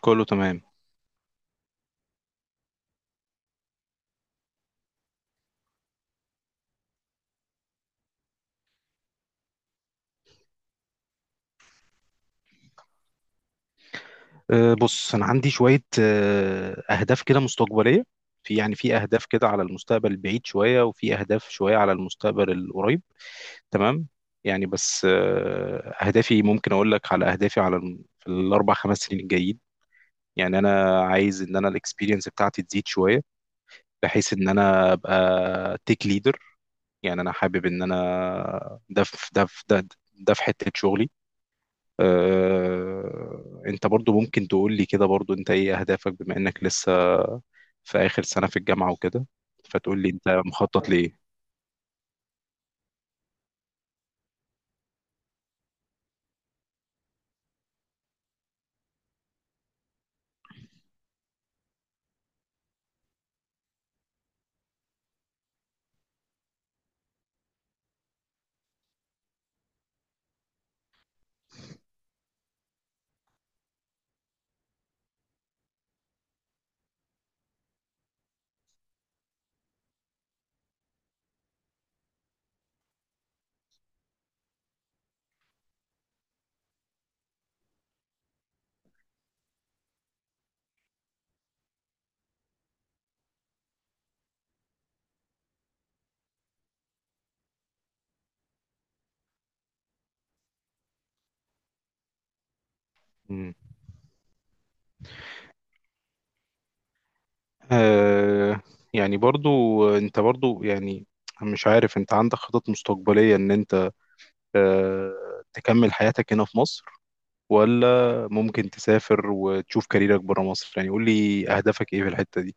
كله تمام. بص انا عندي شويه اهداف كده مستقبليه. في في اهداف كده على المستقبل البعيد شويه، وفي اهداف شويه على المستقبل القريب. تمام. يعني بس اهدافي ممكن اقول لك على اهدافي على في 4 5 سنين الجايين. يعني انا عايز ان انا الاكسبيرينس بتاعتي تزيد شويه، بحيث ان انا ابقى تيك ليدر. يعني انا حابب ان انا ده ده في حته شغلي. انت برضو ممكن تقول لي كده، برضو انت ايه اهدافك بما انك لسه في اخر سنة في الجامعة وكده؟ فتقول لي انت مخطط لايه. مم. آه، يعني برضو انت برضو يعني مش عارف، انت عندك خطط مستقبلية ان انت تكمل حياتك هنا في مصر، ولا ممكن تسافر وتشوف كاريرك برا مصر؟ يعني قول لي اهدافك ايه في الحتة دي.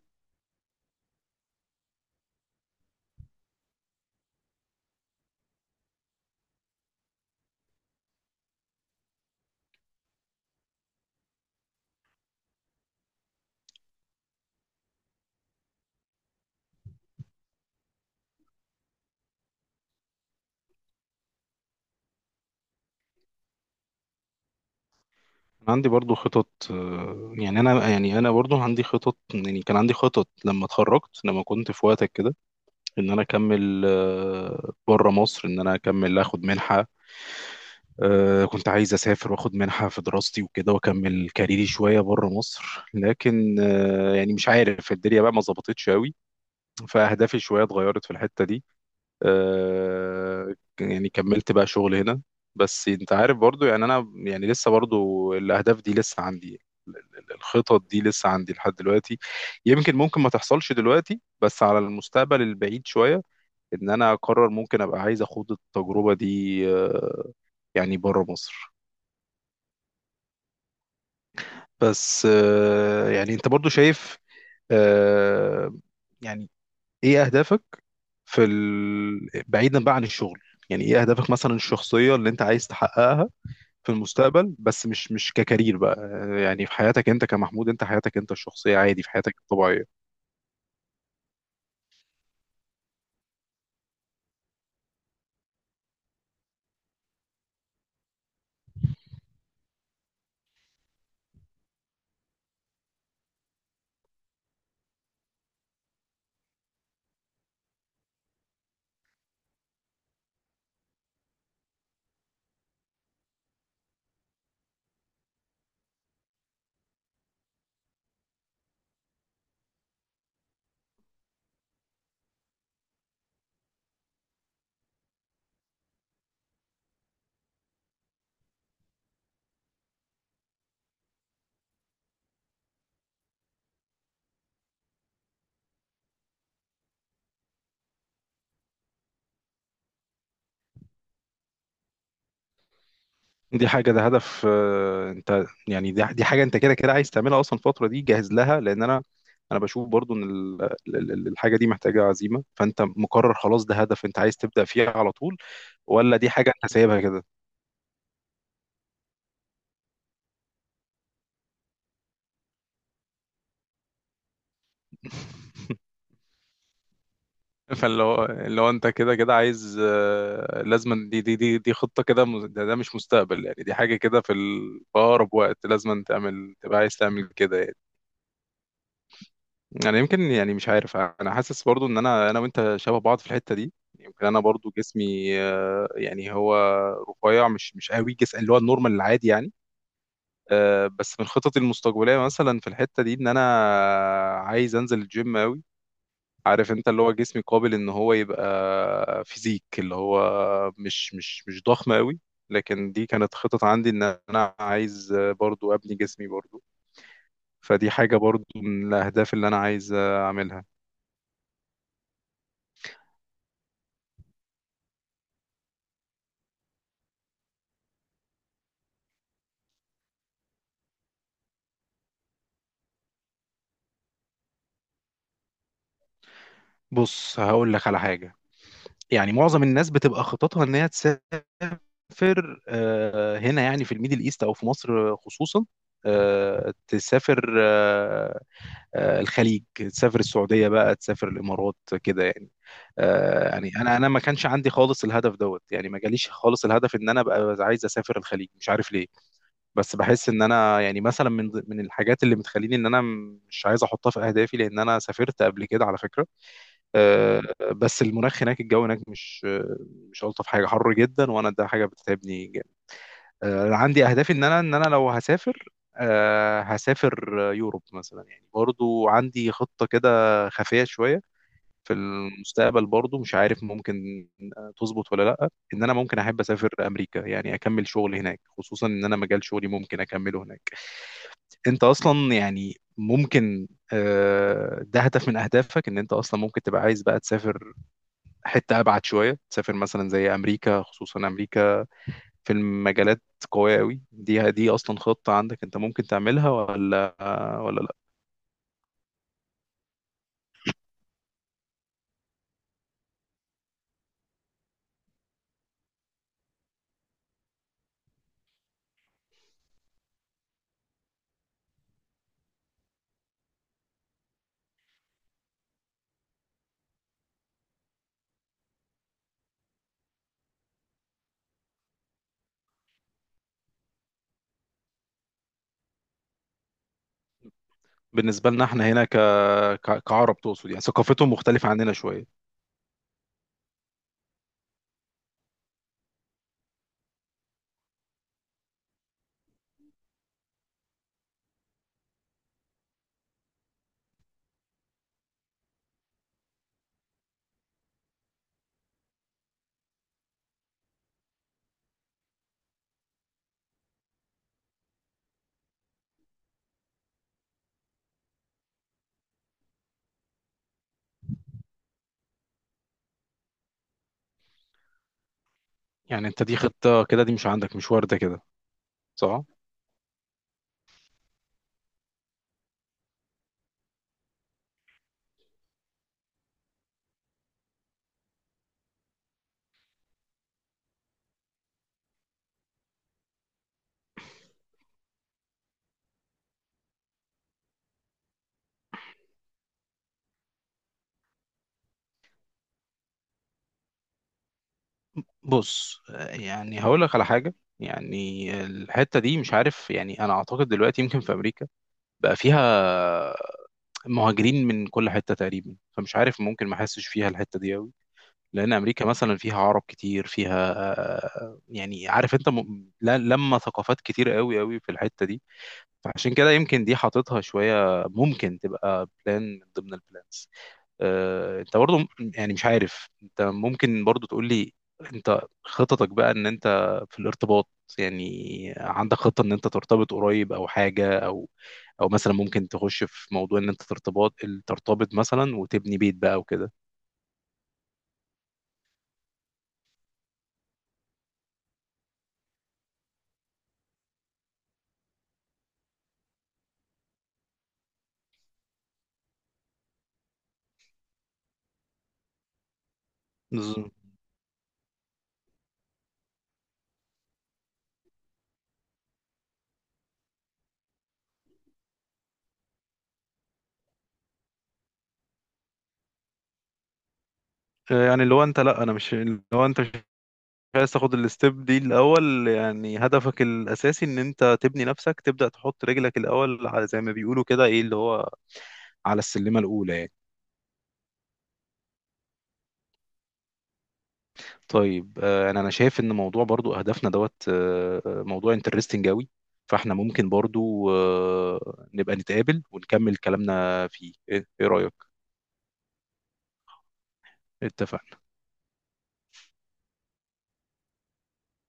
أنا عندي برضو خطط، يعني انا يعني انا برضو عندي خطط. يعني كان عندي خطط لما اتخرجت، لما كنت في وقتك كده، ان انا اكمل بره مصر، ان انا اكمل اخد منحة. كنت عايز اسافر واخد منحة في دراستي وكده، واكمل كاريري شوية بره مصر، لكن يعني مش عارف الدنيا بقى ما ظبطتش قوي. فاهدافي شوية اتغيرت في الحتة دي. آه، يعني كملت بقى شغل هنا. بس انت عارف برضو، يعني انا يعني لسه برضو الاهداف دي لسه عندي. الخطط دي لسه عندي لحد دلوقتي. يمكن ممكن ما تحصلش دلوقتي، بس على المستقبل البعيد شوية ان انا اقرر، ممكن ابقى عايز اخوض التجربة دي، آه، يعني بره مصر. بس يعني انت برضو شايف آه، يعني ايه اهدافك في بعيدا بقى عن الشغل؟ يعني ايه اهدافك مثلا الشخصية اللي انت عايز تحققها في المستقبل، بس مش ككارير بقى. يعني في حياتك انت، كمحمود، انت حياتك انت الشخصيه عادي، في حياتك الطبيعيه. دي حاجه، ده هدف انت يعني دي حاجه انت كده كده عايز تعملها اصلا الفتره دي، جاهز لها، لان انا بشوف برضو ان الحاجه دي محتاجه عزيمه. فانت مقرر خلاص ده هدف انت عايز تبدا فيه على طول، ولا دي حاجه انت سايبها كده؟ فاللي هو، اللي هو انت كده كده عايز لازما دي خطة كده ده مش مستقبل، يعني دي حاجة كده في في أقرب وقت لازما تعمل، تبقى عايز تعمل كده يعني. أنا يمكن يعني مش عارف، أنا حاسس برضو إن أنا وأنت شبه بعض في الحتة دي. يمكن أنا برضو جسمي يعني هو رفيع، مش قوي جسم اللي هو النورمال العادي يعني. بس من خططي المستقبلية مثلا في الحتة دي إن أنا عايز أنزل الجيم قوي. عارف انت اللي هو جسمي قابل ان هو يبقى فيزيك، اللي هو مش ضخم قوي، لكن دي كانت خطط عندي ان انا عايز برضو ابني جسمي برضو. فدي حاجة برضو من الاهداف اللي انا عايز اعملها. بص هقول لك على حاجة. يعني معظم الناس بتبقى خططها ان هي تسافر هنا يعني في الميدل ايست او في مصر خصوصا. آه، تسافر آه، آه، الخليج، تسافر السعودية بقى، تسافر الإمارات كده يعني. يعني أنا ما كانش عندي خالص الهدف دوت، يعني ما جاليش خالص الهدف إن أنا أبقى عايز أسافر الخليج، مش عارف ليه. بس بحس إن أنا يعني مثلا من الحاجات اللي بتخليني إن أنا مش عايز أحطها في أهدافي، لأن أنا سافرت قبل كده على فكرة. آه، بس المناخ هناك، الجو هناك مش مش ألطف حاجة، حر جدا وأنا ده حاجة بتتعبني. عندي اهدافي ان ان انا لو هسافر، هسافر يوروب مثلا. يعني برضو عندي خطة كده خفية شوية في المستقبل برضو، مش عارف ممكن تظبط ولا لا، ان انا ممكن احب اسافر امريكا، يعني اكمل شغل هناك، خصوصا ان انا مجال شغلي ممكن اكمله هناك. انت اصلا يعني ممكن ده هدف من اهدافك ان انت اصلا ممكن تبقى عايز بقى تسافر حتة ابعد شوية، تسافر مثلا زي امريكا، خصوصا امريكا في المجالات قوية قوي؟ دي أصلا خطة عندك أنت ممكن تعملها، ولا ولا لأ؟ بالنسبة لنا احنا هنا كعرب تقصد، يعني ثقافتهم مختلفة عننا شوية. يعني أنت دي خطة كده دي مش عندك، مش واردة كده؟ صح؟ بص، يعني هقول لك على حاجة. يعني الحتة دي مش عارف، يعني أنا أعتقد دلوقتي يمكن في أمريكا بقى فيها مهاجرين من كل حتة تقريبا، فمش عارف ممكن ما أحسش فيها الحتة دي أوي. لان امريكا مثلا فيها عرب كتير، فيها يعني عارف انت لما ثقافات كتير قوي في الحته دي. فعشان كده يمكن دي حاططها شويه، ممكن تبقى بلان من ضمن البلانز. انت برضو يعني مش عارف انت ممكن برضو تقول لي انت خططك بقى ان انت في الارتباط. يعني عندك خطه ان انت ترتبط قريب او حاجه، او او مثلا ممكن تخش في موضوع ان انت ترتبط، ترتبط مثلا وتبني بيت بقى وكده؟ يعني اللي هو انت، لا انا مش، اللي هو انت مش عايز تاخد الستيب دي الاول. يعني هدفك الاساسي ان انت تبني نفسك، تبدا تحط رجلك الاول على، زي ما بيقولوا كده، ايه اللي هو، على السلمه الاولى يعني. طيب انا شايف ان موضوع برضو اهدافنا دوت موضوع انترستنج قوي. فاحنا ممكن برضو نبقى نتقابل ونكمل كلامنا فيه. إيه رايك؟ اتفقنا.